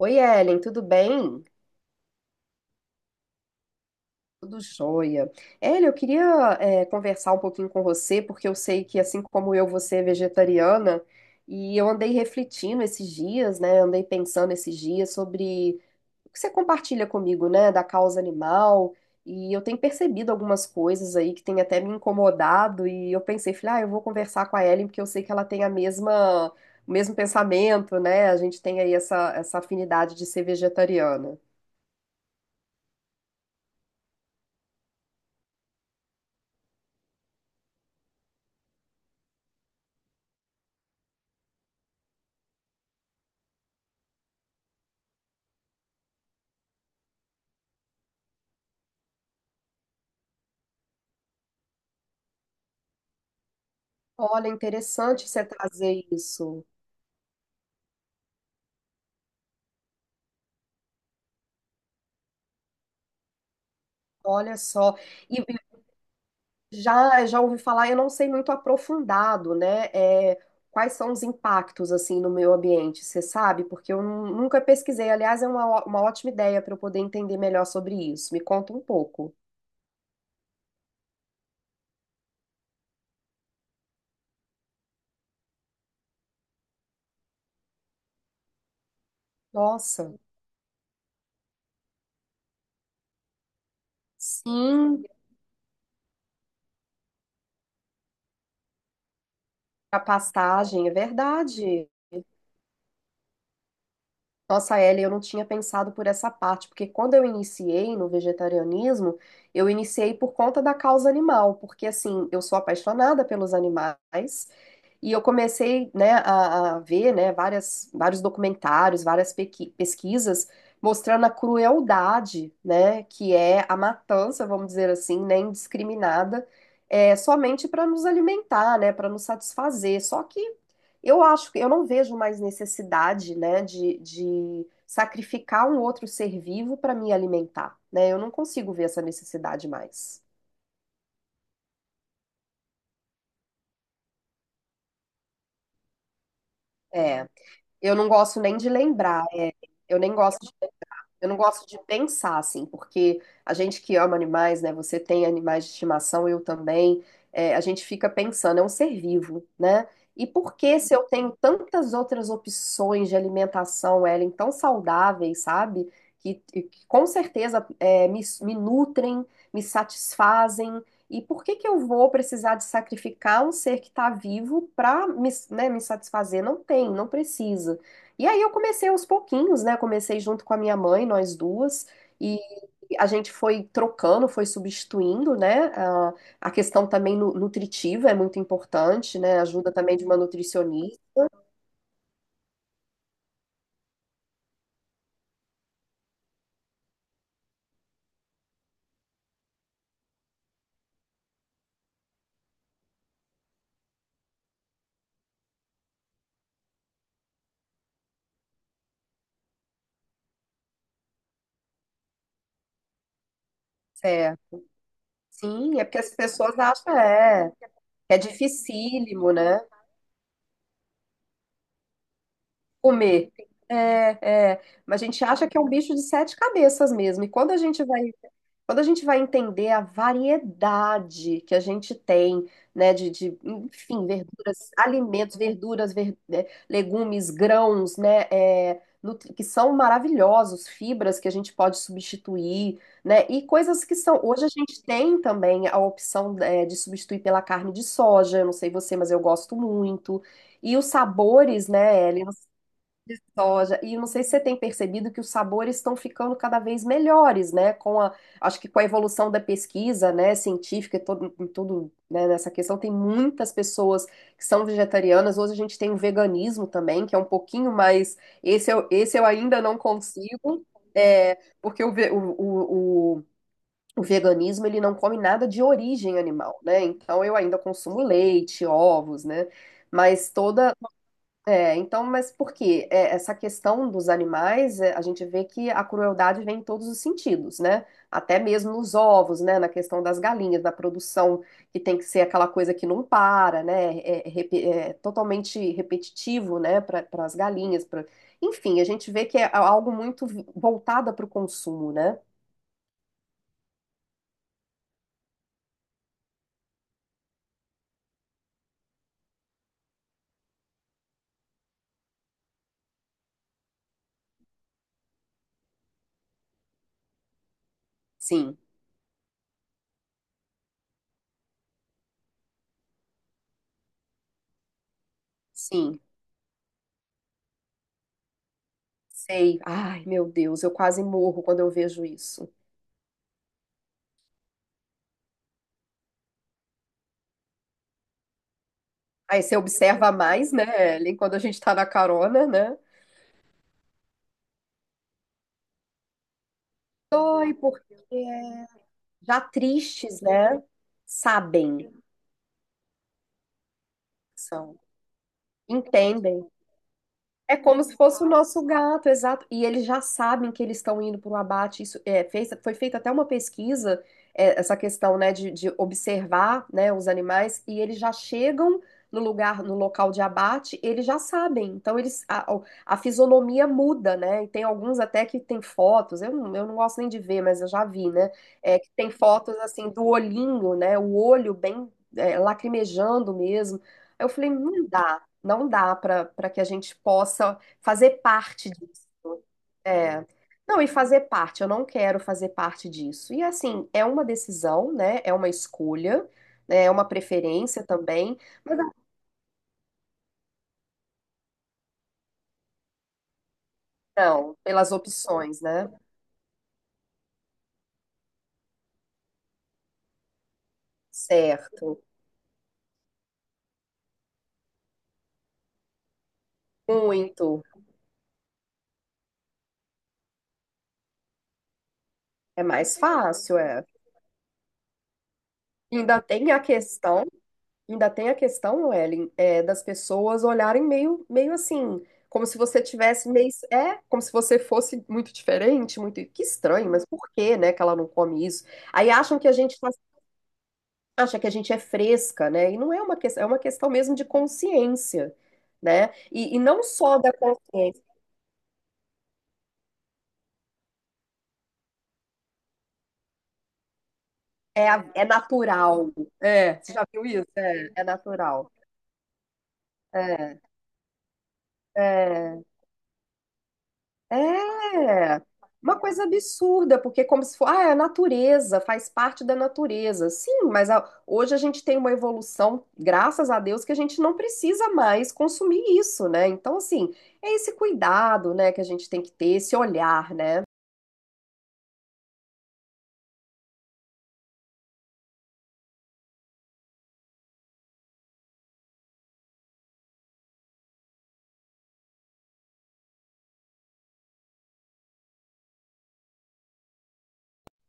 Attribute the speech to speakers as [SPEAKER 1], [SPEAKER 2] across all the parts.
[SPEAKER 1] Oi, Ellen, tudo bem? Tudo jóia. Ellen, eu queria conversar um pouquinho com você, porque eu sei que, assim como eu, você é vegetariana, e eu andei refletindo esses dias, né? Andei pensando esses dias sobre o que você compartilha comigo, né, da causa animal, e eu tenho percebido algumas coisas aí que têm até me incomodado, e eu pensei, falei, ah, eu vou conversar com a Ellen, porque eu sei que ela tem a mesma, o mesmo pensamento, né? A gente tem aí essa afinidade de ser vegetariana. Olha, interessante você trazer isso. Olha só. E já já ouvi falar, eu não sei muito aprofundado, né? É, quais são os impactos assim no meio ambiente, você sabe? Porque eu nunca pesquisei. Aliás, é uma, uma ótima ideia para eu poder entender melhor sobre isso. Me conta um pouco. Nossa. Sim, a pastagem, é verdade. Nossa, Ellie, eu não tinha pensado por essa parte, porque quando eu iniciei no vegetarianismo, eu iniciei por conta da causa animal, porque assim, eu sou apaixonada pelos animais e eu comecei, né, a ver, né, várias, vários documentários, várias pesquisas mostrando a crueldade, né, que é a matança, vamos dizer assim, né, indiscriminada, é, somente para nos alimentar, né, para nos satisfazer. Só que eu acho que eu não vejo mais necessidade, né, de sacrificar um outro ser vivo para me alimentar, né? Eu não consigo ver essa necessidade mais. É, eu não gosto nem de lembrar, eu nem gosto de Eu não gosto de pensar assim, porque a gente que ama animais, né? Você tem animais de estimação, eu também. É, a gente fica pensando, é um ser vivo, né? E por que se eu tenho tantas outras opções de alimentação, Ellen, tão saudáveis, sabe? Que, e que com certeza é, me nutrem, me satisfazem. E por que que eu vou precisar de sacrificar um ser que está vivo para me, né, me satisfazer? Não tem, não precisa. E aí eu comecei aos pouquinhos, né? Comecei junto com a minha mãe, nós duas, e a gente foi trocando, foi substituindo, né? A questão também nutritiva é muito importante, né? Ajuda também de uma nutricionista. É. Sim, é porque as pessoas acham, é, que é dificílimo, né? Comer. É, é. Mas a gente acha que é um bicho de sete cabeças mesmo. E quando a gente vai entender a variedade que a gente tem, né, de, enfim, verduras, alimentos, verduras, né, legumes, grãos, né, é, que são maravilhosos, fibras que a gente pode substituir, né, e coisas que são. Hoje a gente tem também a opção, é, de substituir pela carne de soja. Eu não sei você, mas eu gosto muito. E os sabores, né, Ellen? Soja. E não sei se você tem percebido que os sabores estão ficando cada vez melhores, né? Com a, acho que com a evolução da pesquisa, né, científica e todo, em tudo, né, nessa questão, tem muitas pessoas que são vegetarianas. Hoje a gente tem o veganismo também, que é um pouquinho mais. Esse eu ainda não consigo, é, porque o, ve- o veganismo ele não come nada de origem animal, né? Então eu ainda consumo leite, ovos, né? Mas toda, é, então, mas por quê? É, essa questão dos animais, é, a gente vê que a crueldade vem em todos os sentidos, né? Até mesmo nos ovos, né? Na questão das galinhas, na produção, que tem que ser aquela coisa que não para, né? É, é é totalmente repetitivo, né? Para as galinhas. Enfim, a gente vê que é algo muito voltado para o consumo, né? Sim, sim, sei. Ai, meu Deus, eu quase morro quando eu vejo isso. Aí você observa mais, né, Ellen, quando a gente tá na carona, né? Dói porque já tristes, né? Sabem, que são, entendem. É como se fosse o nosso gato, exato. E eles já sabem que eles estão indo para o abate. Isso é, fez, foi feita até uma pesquisa, é, essa questão, né, de observar, né, os animais, e eles já chegam no lugar, no local de abate, eles já sabem. Então eles, a, a fisionomia muda, né? E tem alguns até que tem fotos. Eu, eu não gosto nem de ver, mas eu já vi, né? É, que tem fotos assim do olhinho, né? O olho bem é, lacrimejando mesmo. Aí eu falei, não dá. Não dá para para que a gente possa fazer parte disso. É. Não, e fazer parte, eu não quero fazer parte disso. E assim, é uma decisão, né? É uma escolha, né? É uma preferência também, mas assim, não, pelas opções, né? Certo. Muito. É mais fácil, é. Ainda tem a questão Ainda tem a questão, Ellen, é, das pessoas olharem meio assim, como se você tivesse meio, é, como se você fosse muito diferente, muito, que estranho, mas por que, né, que ela não come isso? Aí acham que a gente acha que a gente é fresca, né? E não é uma questão, é uma questão mesmo de consciência, né? E não só da consciência, é, é natural. É, você já viu isso? É, é natural. É, é. É uma coisa absurda, porque é como se fosse, ah, é a natureza, faz parte da natureza. Sim, mas hoje a gente tem uma evolução, graças a Deus, que a gente não precisa mais consumir isso, né? Então, assim, é esse cuidado, né, que a gente tem que ter, esse olhar, né?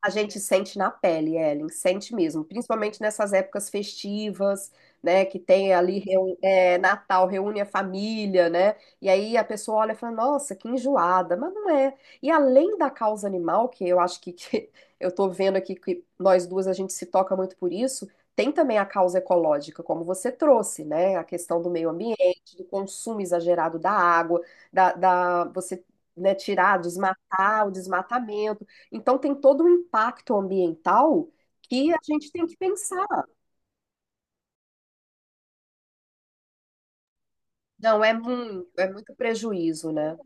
[SPEAKER 1] A gente sente na pele, Ellen, sente mesmo, principalmente nessas épocas festivas, né, que tem ali é, Natal, reúne a família, né, e aí a pessoa olha e fala, nossa, que enjoada, mas não é. E além da causa animal, que eu acho que, que eu tô vendo aqui que nós duas a gente se toca muito por isso, tem também a causa ecológica, como você trouxe, né, a questão do meio ambiente, do consumo exagerado da água, da, da você, né, tirar, desmatar, o desmatamento, então, tem todo um impacto ambiental que a gente tem que pensar. Não, é muito prejuízo, né?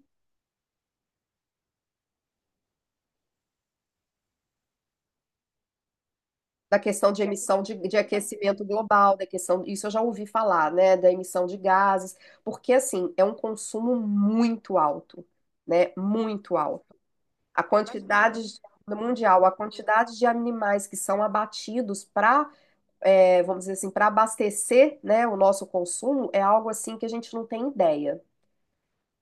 [SPEAKER 1] Da questão de emissão de aquecimento global, da questão, isso eu já ouvi falar, né? Da emissão de gases, porque assim, é um consumo muito alto, né? Muito alto. A quantidade de- mundial, a quantidade de animais que são abatidos para, vamos dizer assim, para abastecer, né, o nosso consumo é algo assim que a gente não tem ideia.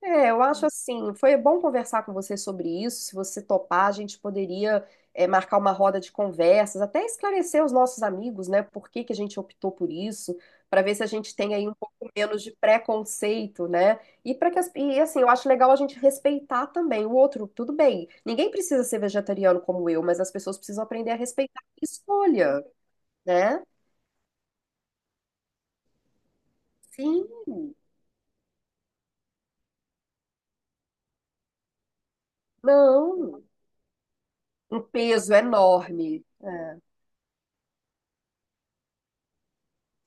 [SPEAKER 1] É, eu acho assim, foi bom conversar com você sobre isso. Se você topar, a gente poderia é, marcar uma roda de conversas, até esclarecer os nossos amigos, né, por que que a gente optou por isso, para ver se a gente tem aí um pouco menos de preconceito, né? E para que e assim, eu acho legal a gente respeitar também o outro. Tudo bem, ninguém precisa ser vegetariano como eu, mas as pessoas precisam aprender a respeitar a minha escolha, né? Sim, não, um peso enorme. É.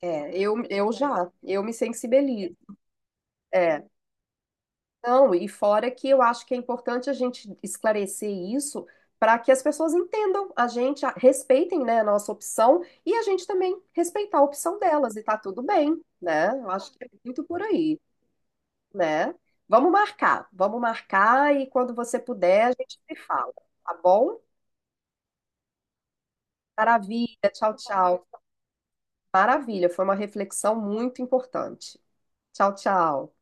[SPEAKER 1] É, eu já, eu me sensibilizo. É, não, e fora que eu acho que é importante a gente esclarecer isso para que as pessoas entendam a gente, respeitem, né, a nossa opção e a gente também respeitar a opção delas e tá tudo bem, né? Eu acho que é muito por aí, né? Vamos marcar e quando você puder a gente se fala, tá bom? Maravilha, tchau, tchau. Maravilha, foi uma reflexão muito importante. Tchau, tchau.